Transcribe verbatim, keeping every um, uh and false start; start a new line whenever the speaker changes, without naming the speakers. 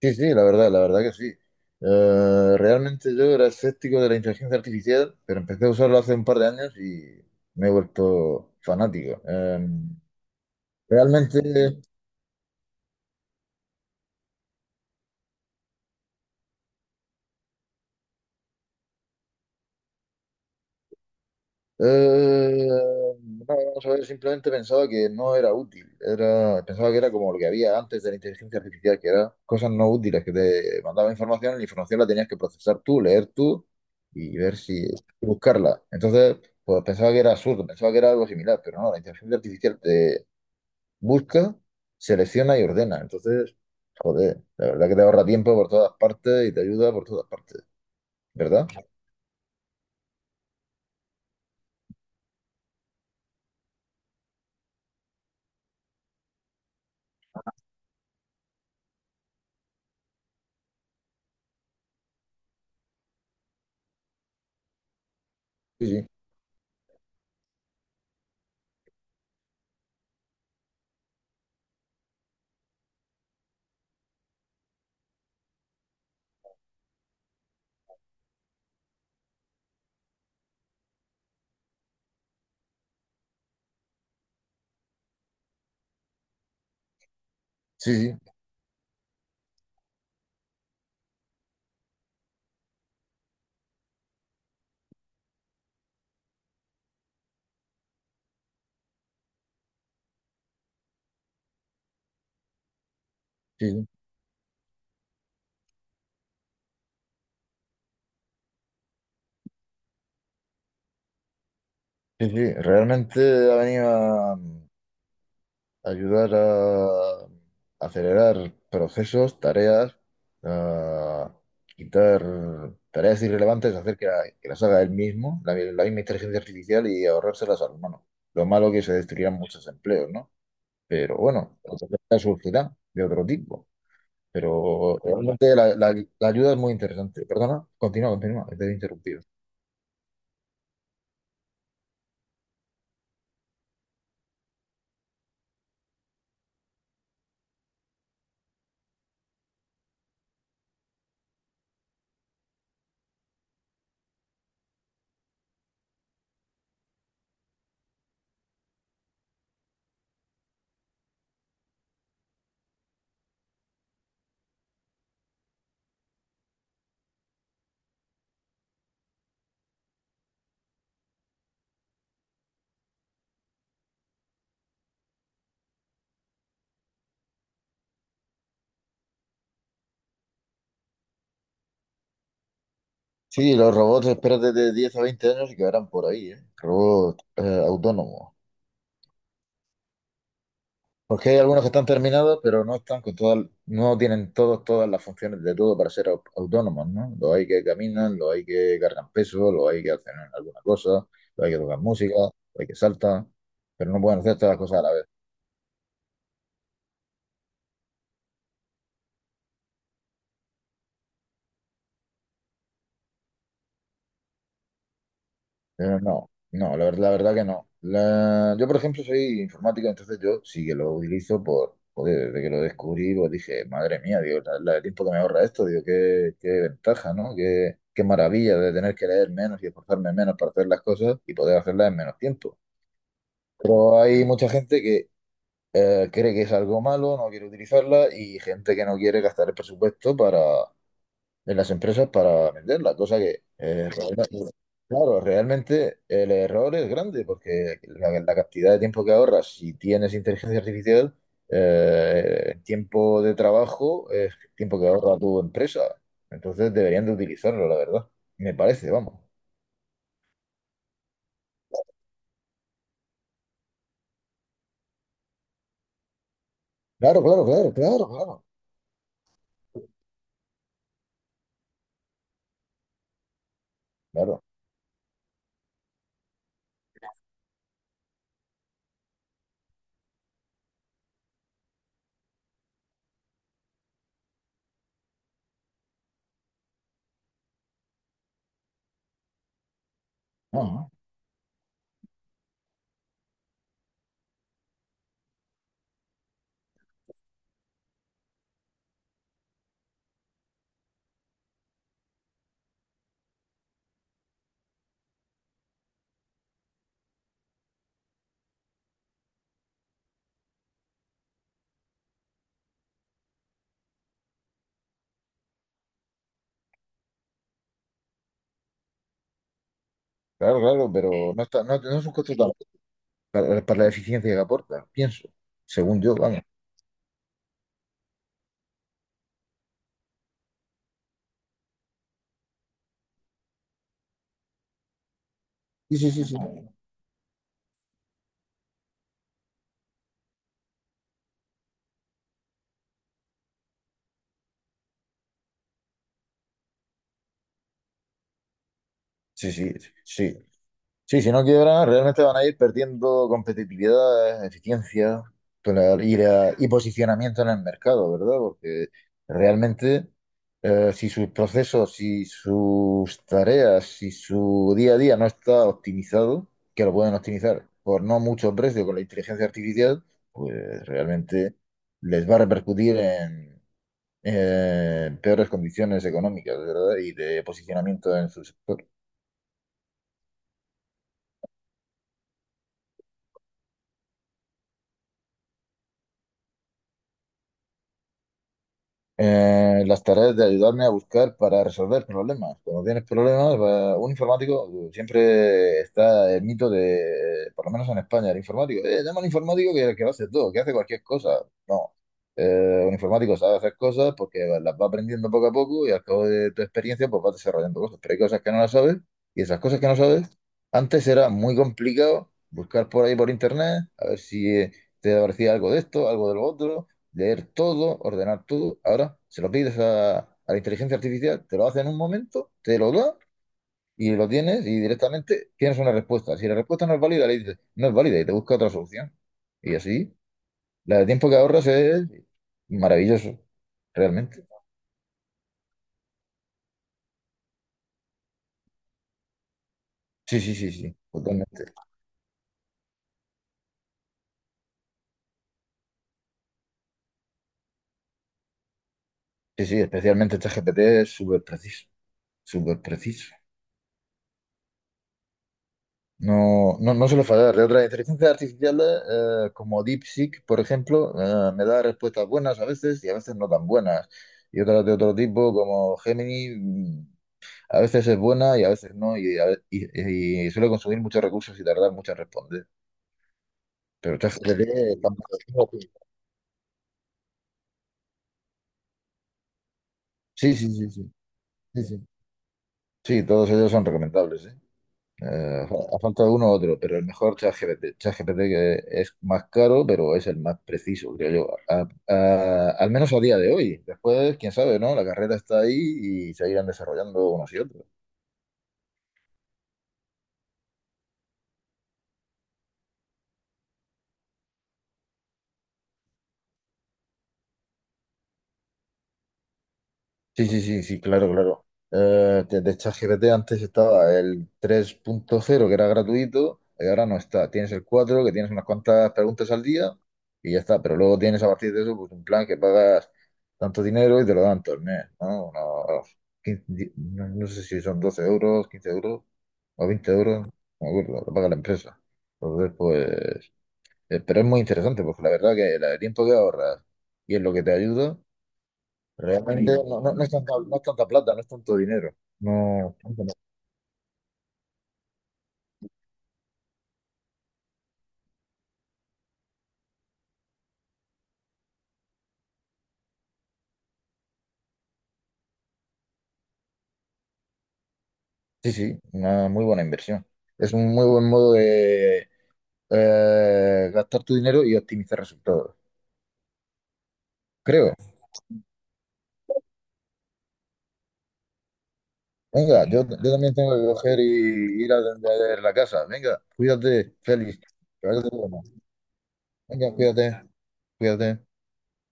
Sí, sí, la verdad, la verdad que sí. Eh, realmente yo era escéptico de la inteligencia artificial, pero empecé a usarlo hace un par de años y me he vuelto fanático. Eh, realmente, eh, no, vamos a ver, simplemente pensaba que no era útil. Era, pensaba que era como lo que había antes de la inteligencia artificial, que era cosas no útiles, que te mandaba información y la información la tenías que procesar tú, leer tú y ver si buscarla. Entonces, pues pensaba que era absurdo, pensaba que era algo similar, pero no, la inteligencia artificial busca, selecciona y ordena. Entonces, joder, la verdad que te ahorra tiempo por todas partes y te ayuda por todas partes, ¿verdad? Sí, sí, sí, sí, sí, sí, sí, sí. Realmente ha venido a a ayudar a acelerar procesos, tareas, a quitar tareas irrelevantes, hacer que, la- que las haga él mismo, la, la misma inteligencia artificial y ahorrárselas al humano. Lo malo que se destruirán muchos empleos, ¿no? Pero bueno, otras surgirán de otro tipo. Pero realmente la, la- la ayuda es muy interesante. Perdona, continúa, continúa, que te he interrumpido. Sí, los robots, espérate de diez a veinte años y quedarán por ahí, ¿eh? Robots eh, autónomos. Porque hay algunos que están terminados, pero no están con todas, no tienen todos, todas las funciones de todo para ser au- autónomos, ¿no? Los hay que caminan, los hay que cargan peso, los hay que hacen alguna cosa, los hay que tocar música, los hay que saltan, pero no pueden hacer todas las cosas a la vez. Pero no, no, la, ver- la verdad que no. La- yo, por ejemplo, soy informático, entonces yo sí que lo utilizo por, joder, desde que lo descubrí, pues dije, madre mía, digo, la, la- el tiempo que me ahorra esto, digo, qué, qué ventaja, ¿no? Qué, qué maravilla de tener que leer menos y esforzarme menos para hacer las cosas y poder hacerlas en menos tiempo. Pero hay mucha gente que eh, cree que es algo malo, no quiere utilizarla y gente que no quiere gastar el presupuesto para de las empresas para venderla, cosa que, eh, realme- claro, realmente el error es grande porque la, la cantidad de tiempo que ahorras si tienes inteligencia artificial, eh, el tiempo de trabajo es tiempo que ahorra tu empresa. Entonces deberían de utilizarlo, la verdad. Me parece, vamos. Claro, claro, claro, claro, claro, claro. Ajá. Claro, claro, pero no está, no, no es un costo tan para, para la eficiencia que aporta, pienso, según yo, vamos. Sí, sí, sí, sí. Sí, sí, sí. Sí, si no quiebran, realmente van a ir perdiendo competitividad, eficiencia tola- y, la- y posicionamiento en el mercado, ¿verdad? Porque realmente eh, si sus procesos, si sus tareas, si su día a día no está optimizado, que lo pueden optimizar por no mucho precio con la inteligencia artificial, pues realmente les va a repercutir en, en peores condiciones económicas, ¿verdad? Y de posicionamiento en su sector. Eh, las tareas de ayudarme a buscar para resolver problemas. Cuando tienes problemas, va- un informático siempre está el mito de, eh, por lo menos en España, el informático. Eh, llama al informático que, que lo hace todo, que hace cualquier cosa. No. Eh, un informático sabe hacer cosas porque las va aprendiendo poco a poco y al cabo de tu experiencia pues vas desarrollando cosas. Pero hay cosas que no las sabes y esas cosas que no sabes, antes era muy complicado buscar por ahí por internet, a ver si eh, te aparecía algo de esto, algo de lo otro, leer todo, ordenar todo. Ahora se lo pides a, a la inteligencia artificial, te lo hace en un momento, te lo da y lo tienes y directamente tienes una respuesta. Si la respuesta no es válida, le dices, no es válida y te busca otra solución. Y así, la de tiempo que ahorras es maravilloso, realmente. Sí, sí, sí, sí, totalmente. Sí, sí, especialmente este G P T es súper preciso, súper preciso. No, no, no suele fallar. La otra inteligencia artificial, eh, como DeepSeek, por ejemplo, eh, me da respuestas buenas a veces y a veces no tan buenas. Y otras de otro tipo, como Gemini, mm, a veces es buena y a veces no, y, a ve- y- y suele consumir muchos recursos y tardar mucho en responder. Pero ChatGPT está. Sí, sí, sí, sí, sí, sí. Sí, todos ellos son recomendables, ¿eh? Eh, ha faltado uno u otro, pero el mejor ChatGPT. ChatGPT que es más caro, pero es el más preciso, creo yo. A- a- al menos a día de hoy. Después, quién sabe, ¿no? La carrera está ahí y se irán desarrollando unos y otros. Sí, sí, sí, sí, claro, claro. Eh, de de ChatGPT antes estaba el tres punto cero que era gratuito y ahora no está. Tienes el cuatro que tienes unas cuantas preguntas al día y ya está. Pero luego tienes a partir de eso pues un plan que pagas tanto dinero y te lo dan todo el mes, ¿no? Unos quince di- no no sé si son doce euros, quince euros o veinte euros, no me acuerdo, lo paga la empresa. Entonces, pues, eh, pero es muy interesante porque la verdad que el tiempo que ahorras y en lo que te ayuda. Realmente increíble. No, no- no es tanta, no es tanta plata, no es tanto dinero. No, tanto no. Sí, sí, una muy buena inversión. Es un muy buen modo de eh, gastar tu dinero y optimizar resultados. Creo. Venga, yo, yo también tengo que coger y ir a atender la casa. Venga, cuídate, Félix. Que vaya todo bien. Venga, cuídate, cuídate.